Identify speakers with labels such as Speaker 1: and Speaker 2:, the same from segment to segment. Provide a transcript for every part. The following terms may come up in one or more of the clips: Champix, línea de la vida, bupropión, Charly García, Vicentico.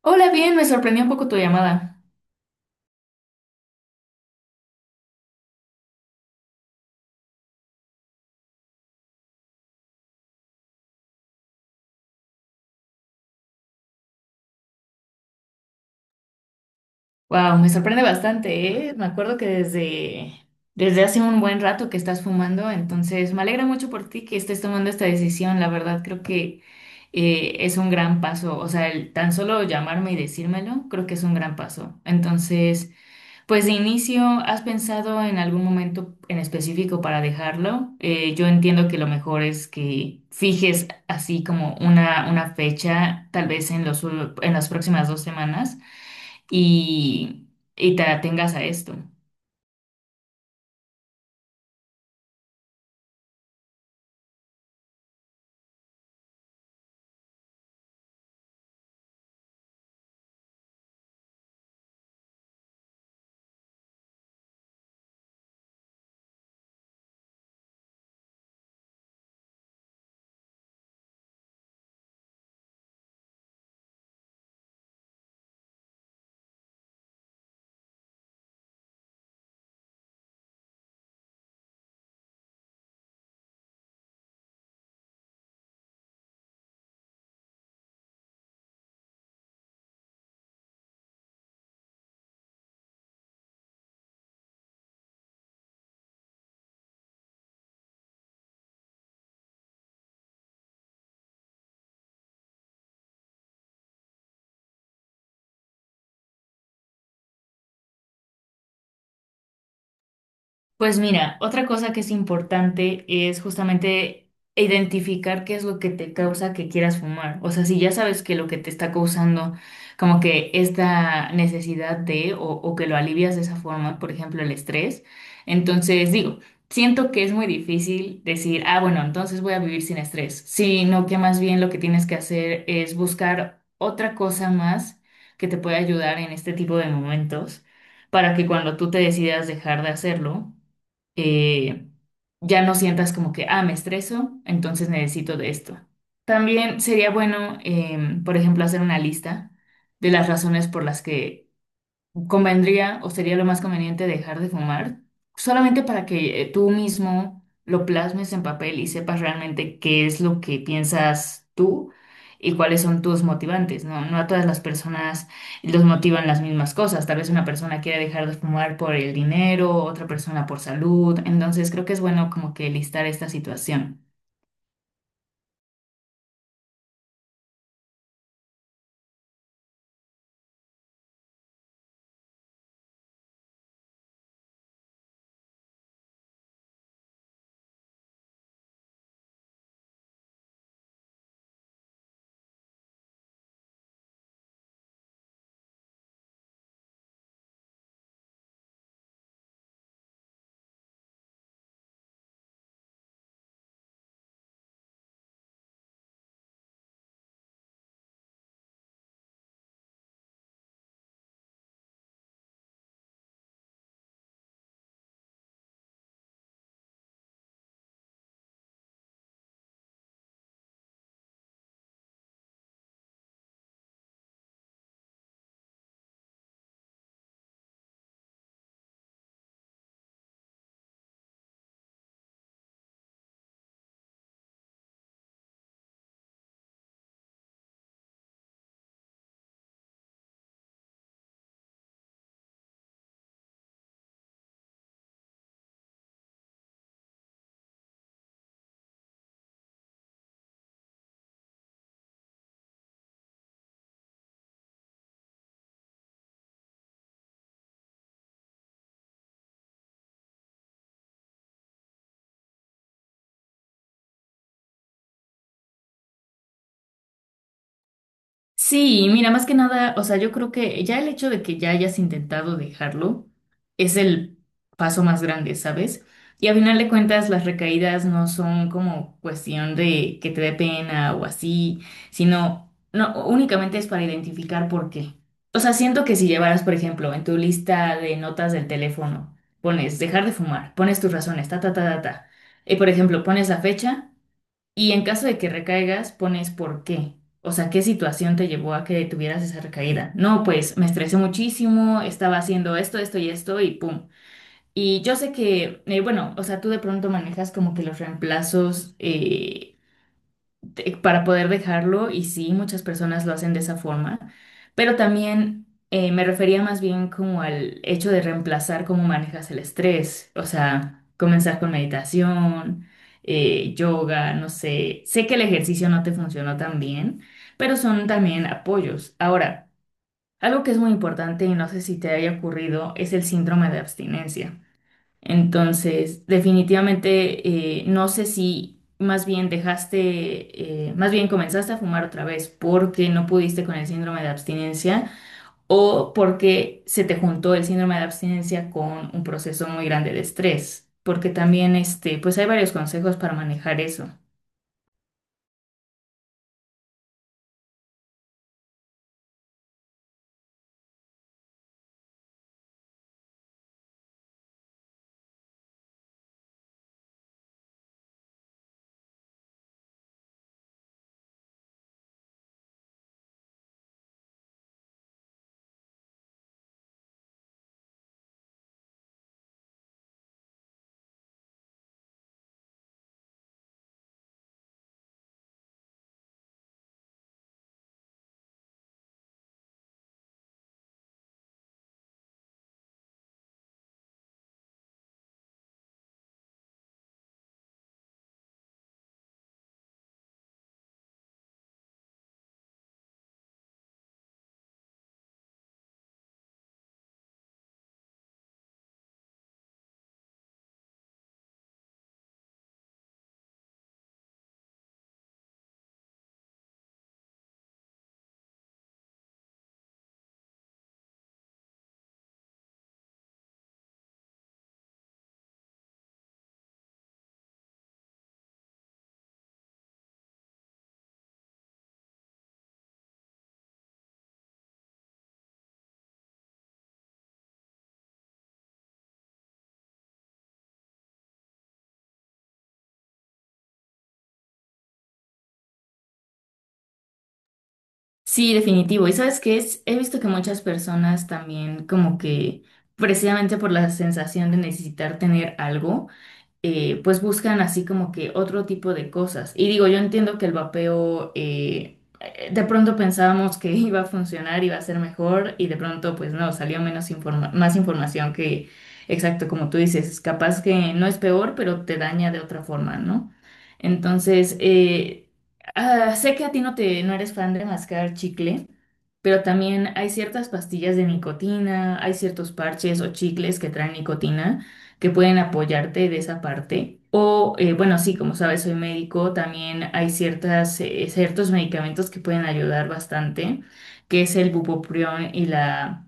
Speaker 1: Hola, bien, me sorprendió un poco tu llamada. Wow, me sorprende bastante, ¿eh? Me acuerdo que desde hace un buen rato que estás fumando, entonces me alegra mucho por ti que estés tomando esta decisión. La verdad, creo que es un gran paso. O sea, el tan solo llamarme y decírmelo, creo que es un gran paso. Entonces, pues de inicio, ¿has pensado en algún momento en específico para dejarlo? Yo entiendo que lo mejor es que fijes así como una fecha, tal vez en en las próximas dos semanas, y, y te atengas a esto. Pues mira, otra cosa que es importante es justamente identificar qué es lo que te causa que quieras fumar. O sea, si ya sabes que lo que te está causando como que esta necesidad o que lo alivias de esa forma, por ejemplo, el estrés, entonces digo, siento que es muy difícil decir, ah, bueno, entonces voy a vivir sin estrés, sino que más bien lo que tienes que hacer es buscar otra cosa más que te pueda ayudar en este tipo de momentos para que cuando tú te decidas dejar de hacerlo, eh, ya no sientas como que, ah, me estreso, entonces necesito de esto. También sería bueno, por ejemplo, hacer una lista de las razones por las que convendría o sería lo más conveniente dejar de fumar, solamente para que tú mismo lo plasmes en papel y sepas realmente qué es lo que piensas tú y cuáles son tus motivantes, ¿no? No a todas las personas los motivan las mismas cosas. Tal vez una persona quiere dejar de fumar por el dinero, otra persona por salud. Entonces creo que es bueno como que listar esta situación. Sí, mira, más que nada, o sea, yo creo que ya el hecho de que ya hayas intentado dejarlo es el paso más grande, ¿sabes? Y a final de cuentas, las recaídas no son como cuestión de que te dé pena o así, sino no, únicamente es para identificar por qué. O sea, siento que si llevaras, por ejemplo, en tu lista de notas del teléfono, pones dejar de fumar, pones tus razones, ta, ta, ta, ta, ta, y por ejemplo, pones la fecha. Y en caso de que recaigas, pones por qué. O sea, ¿qué situación te llevó a que tuvieras esa recaída? No, pues me estresé muchísimo, estaba haciendo esto, esto y esto y pum. Y yo sé que, bueno, o sea, tú de pronto manejas como que los reemplazos, para poder dejarlo y sí, muchas personas lo hacen de esa forma, pero también me refería más bien como al hecho de reemplazar cómo manejas el estrés, o sea, comenzar con meditación, yoga, no sé, sé que el ejercicio no te funcionó tan bien, pero son también apoyos. Ahora, algo que es muy importante y no sé si te haya ocurrido es el síndrome de abstinencia. Entonces, definitivamente, no sé si más bien más bien comenzaste a fumar otra vez porque no pudiste con el síndrome de abstinencia o porque se te juntó el síndrome de abstinencia con un proceso muy grande de estrés, porque también, este, pues hay varios consejos para manejar eso. Sí, definitivo. Y sabes qué es, he visto que muchas personas también como que precisamente por la sensación de necesitar tener algo, pues buscan así como que otro tipo de cosas. Y digo, yo entiendo que el vapeo, de pronto pensábamos que iba a funcionar, iba a ser mejor y de pronto pues no, salió más información que, exacto, como tú dices, capaz que no es peor, pero te daña de otra forma, ¿no? Entonces, sé que a ti no te, no eres fan de mascar chicle. Pero también hay ciertas pastillas de nicotina, hay ciertos parches o chicles que traen nicotina que pueden apoyarte de esa parte. O, bueno, sí, como sabes, soy médico, también hay ciertos medicamentos que pueden ayudar bastante, que es el bupropión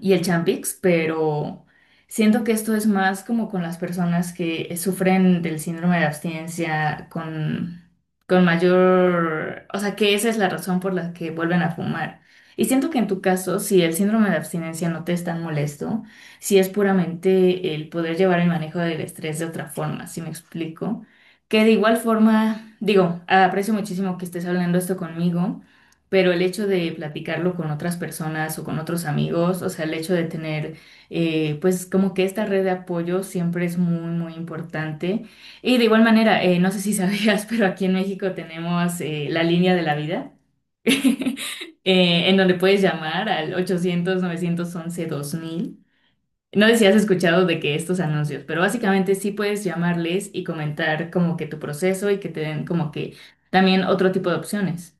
Speaker 1: y el Champix, pero siento que esto es más como con las personas que sufren del síndrome de abstinencia con mayor, o sea, que esa es la razón por la que vuelven a fumar. Y siento que en tu caso, si el síndrome de abstinencia no te es tan molesto, si es puramente el poder llevar el manejo del estrés de otra forma, si me explico, que de igual forma, digo, aprecio muchísimo que estés hablando esto conmigo. Pero el hecho de platicarlo con otras personas o con otros amigos, o sea, el hecho de tener, pues como que esta red de apoyo siempre es muy, muy importante. Y de igual manera, no sé si sabías, pero aquí en México tenemos la línea de la vida, eh, en donde puedes llamar al 800-911-2000. No sé si has escuchado de que estos anuncios, pero básicamente sí puedes llamarles y comentar como que tu proceso y que te den como que también otro tipo de opciones.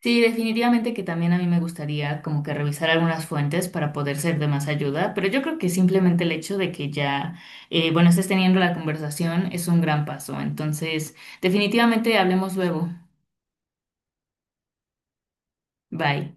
Speaker 1: Sí, definitivamente que también a mí me gustaría como que revisar algunas fuentes para poder ser de más ayuda, pero yo creo que simplemente el hecho de que ya, bueno, estés teniendo la conversación es un gran paso. Entonces, definitivamente hablemos luego. Bye.